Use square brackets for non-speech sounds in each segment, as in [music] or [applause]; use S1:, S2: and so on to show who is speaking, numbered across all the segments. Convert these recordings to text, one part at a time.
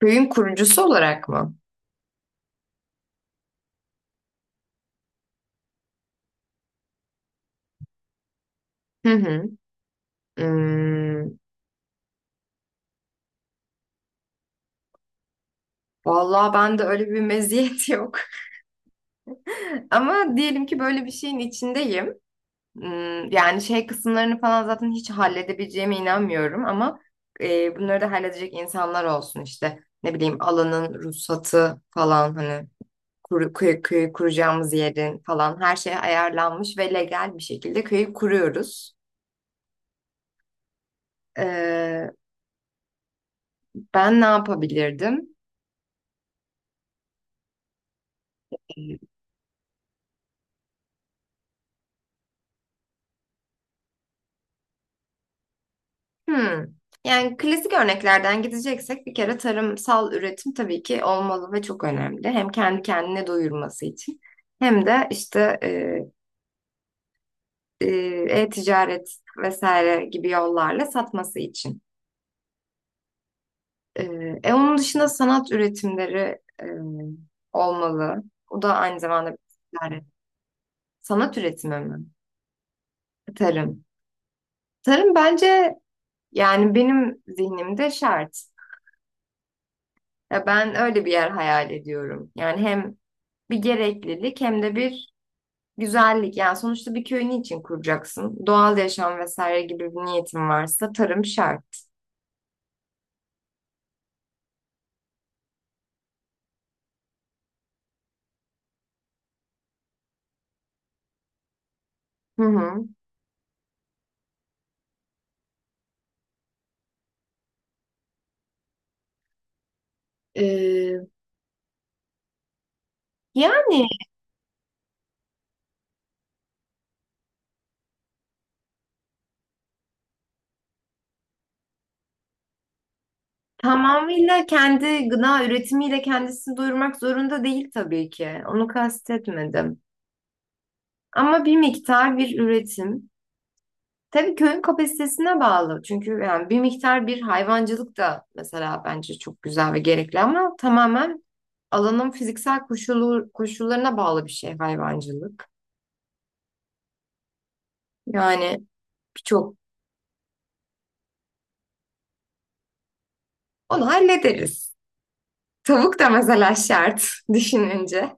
S1: Köyün kurucusu olarak mı? Hı hı. Hmm, vallahi ben de öyle bir meziyet [laughs] yok. Ama diyelim ki böyle bir şeyin içindeyim. Yani şey kısımlarını falan zaten hiç halledebileceğime inanmıyorum ama bunları da halledecek insanlar olsun işte. Ne bileyim alanın ruhsatı falan hani köyü kuracağımız yerin falan her şey ayarlanmış ve legal bir şekilde köyü kuruyoruz. Ee, ben ne yapabilirdim? Hmm. Yani klasik örneklerden gideceksek bir kere tarımsal üretim tabii ki olmalı ve çok önemli. Hem kendi kendine doyurması için hem de işte e, e-ticaret vesaire gibi yollarla satması için. E, onun dışında sanat üretimleri olmalı. O da aynı zamanda bir ticaret. Sanat üretimi mi? Tarım. Tarım bence yani benim zihnimde şart. Ya ben öyle bir yer hayal ediyorum. Yani hem bir gereklilik hem de bir güzellik. Yani sonuçta bir köyün için kuracaksın? Doğal yaşam vesaire gibi bir niyetin varsa tarım şart. Hı hı. Ee, yani tamamıyla kendi gıda üretimiyle kendisini doyurmak zorunda değil tabii ki. Onu kastetmedim. Ama bir miktar bir üretim. Tabii köyün kapasitesine bağlı. Çünkü yani bir miktar bir hayvancılık da mesela bence çok güzel ve gerekli ama tamamen alanın fiziksel koşullarına bağlı bir şey hayvancılık. Yani birçok onu hallederiz. Tavuk da mesela şart [laughs] düşününce.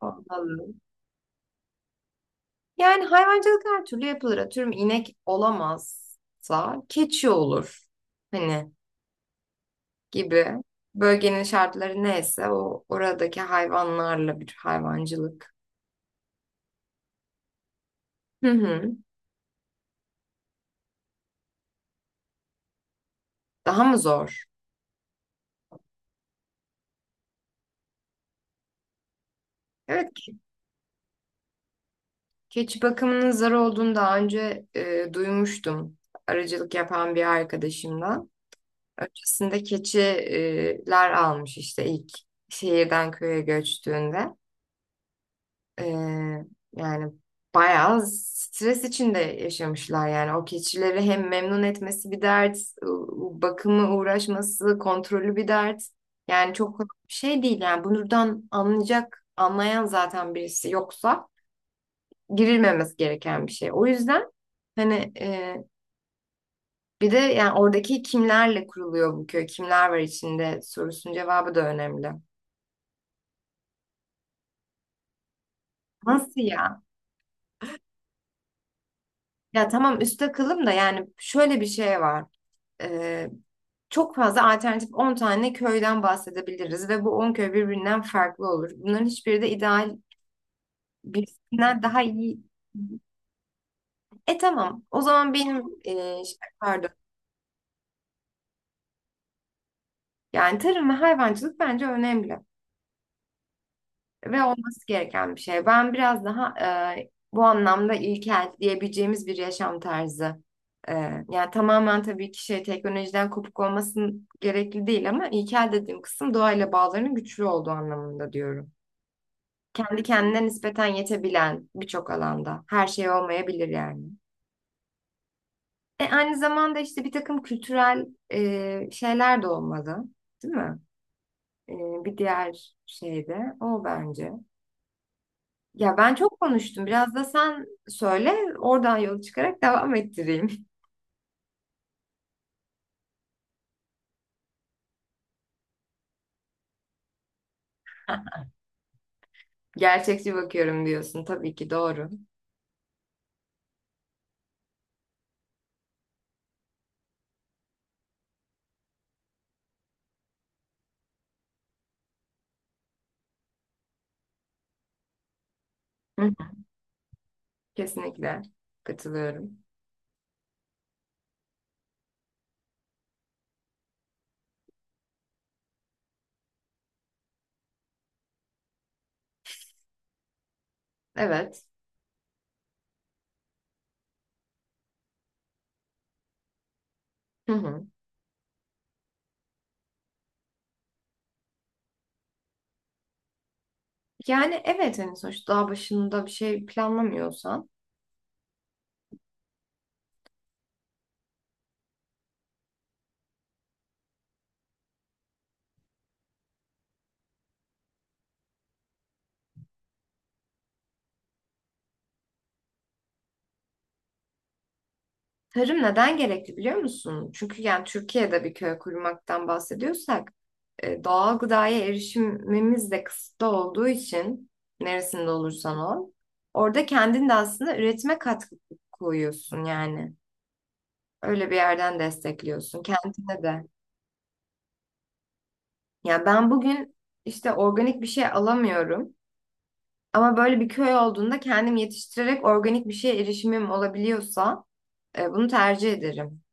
S1: Olmalı. Yani hayvancılık her türlü yapılır. Atıyorum inek olamazsa keçi olur. Hani gibi. Bölgenin şartları neyse o oradaki hayvanlarla bir hayvancılık. Hı hı. Daha mı zor? Evet. Keçi bakımının zor olduğunu daha önce duymuştum. Aracılık yapan bir arkadaşımdan. Öncesinde keçiler almış işte ilk şehirden köye göçtüğünde. E, yani bayağı stres içinde yaşamışlar yani. O keçileri hem memnun etmesi bir dert, bakımı uğraşması, kontrolü bir dert. Yani çok kolay bir şey değil yani. Anlayan zaten birisi yoksa girilmemesi gereken bir şey. O yüzden hani e, bir de yani oradaki kimlerle kuruluyor bu köy, kimler var içinde sorusunun cevabı da önemli. Nasıl ya? Ya tamam üstte kılım da yani şöyle bir şey var. E, çok fazla alternatif 10 tane köyden bahsedebiliriz ve bu 10 köy birbirinden farklı olur. Bunların hiçbiri de ideal birisinden daha iyi. E tamam o zaman e, pardon, yani tarım ve hayvancılık bence önemli ve olması gereken bir şey. Ben biraz daha bu anlamda ilkel diyebileceğimiz bir yaşam tarzı. E, yani tamamen tabii ki şey teknolojiden kopuk olmasın gerekli değil ama ilkel dediğim kısım doğayla bağlarının güçlü olduğu anlamında diyorum. Kendi kendine nispeten yetebilen birçok alanda her şey olmayabilir yani. Aynı zamanda işte bir takım kültürel şeyler de olmalı, değil mi? E, bir diğer şey de o bence. Ya ben çok konuştum. Biraz da sen söyle, oradan yola çıkarak devam ettireyim. [laughs] Gerçekçi bakıyorum diyorsun. Tabii ki doğru. Hı hı. Kesinlikle katılıyorum. Evet. Hı hı. Yani evet hani sonuçta daha başında bir şey planlamıyorsan. Tarım neden gerekli biliyor musun? Çünkü yani Türkiye'de bir köy kurmaktan bahsediyorsak doğal gıdaya erişimimiz de kısıtlı olduğu için neresinde olursan ol. Orada kendin de aslında üretime katkı koyuyorsun yani. Öyle bir yerden destekliyorsun kendine de. Yani ben bugün işte organik bir şey alamıyorum ama böyle bir köy olduğunda kendim yetiştirerek organik bir şeye erişimim olabiliyorsa bunu tercih ederim.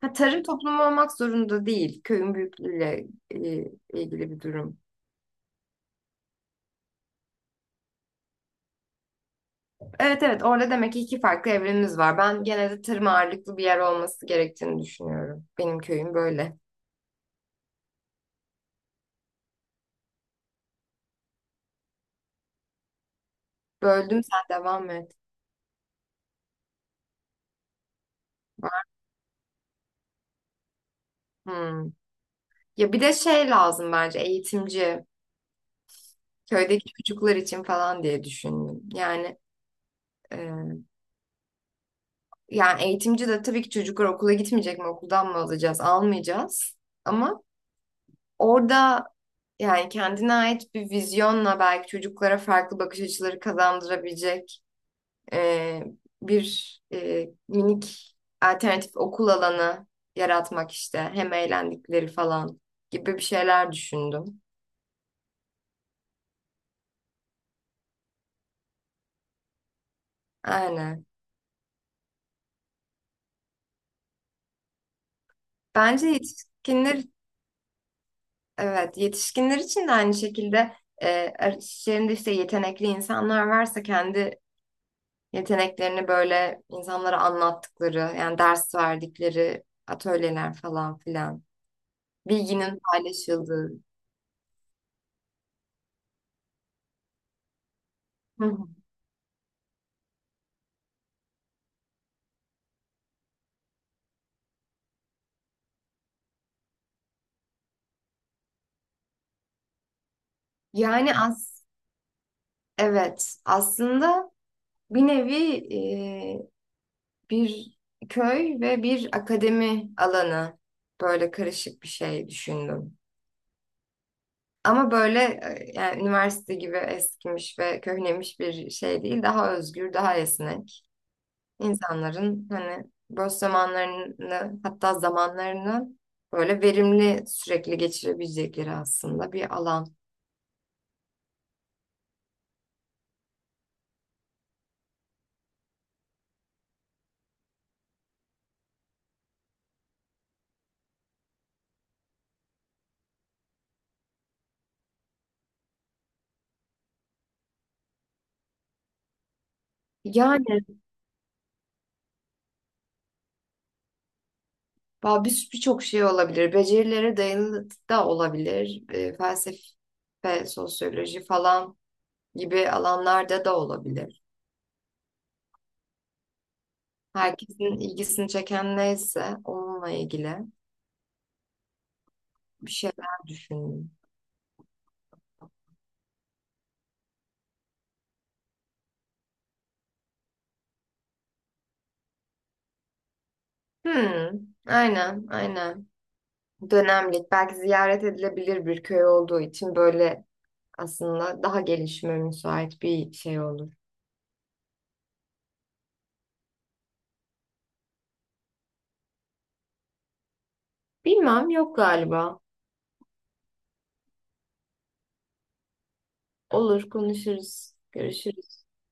S1: Ha, tarım toplumu olmak zorunda değil. Köyün büyüklüğüyle e, ilgili bir durum. Evet, evet, orada demek ki iki farklı evrenimiz var. Ben genelde tarım ağırlıklı bir yer olması gerektiğini düşünüyorum. Benim köyüm böyle. Böldüm, sen devam et. Hmm. Ya bir de şey lazım bence: eğitimci. Köydeki çocuklar için falan diye düşündüm. E, yani eğitimci de tabii ki çocuklar okula gitmeyecek mi? Okuldan mı alacağız? Almayacağız. Ama orada yani kendine ait bir vizyonla belki çocuklara farklı bakış açıları kazandırabilecek e, minik alternatif okul alanı yaratmak işte. Hem eğlendikleri falan gibi bir şeyler düşündüm. Aynen. Bence yetişkinler, evet, yetişkinler için de aynı şekilde işlerinde işte yetenekli insanlar varsa kendi yeteneklerini böyle insanlara anlattıkları, yani ders verdikleri atölyeler falan filan, bilginin paylaşıldığı. Hı hı. Yani as evet, aslında bir nevi e, bir köy ve bir akademi alanı, böyle karışık bir şey düşündüm. Ama böyle yani üniversite gibi eskimiş ve köhnemiş bir şey değil. Daha özgür, daha esnek. İnsanların hani boş zamanlarını hatta zamanlarını böyle verimli sürekli geçirebilecekleri aslında bir alan. Yani bir birçok şey olabilir. Becerilere dayalı da olabilir. E, felsefe, sosyoloji falan gibi alanlarda da olabilir. Herkesin ilgisini çeken neyse onunla ilgili bir şeyler düşünün. Hmm, aynen, aynen. Dönemlik, belki ziyaret edilebilir bir köy olduğu için böyle aslında daha gelişime müsait bir şey olur. Bilmem, yok galiba. Olur, konuşuruz, görüşürüz.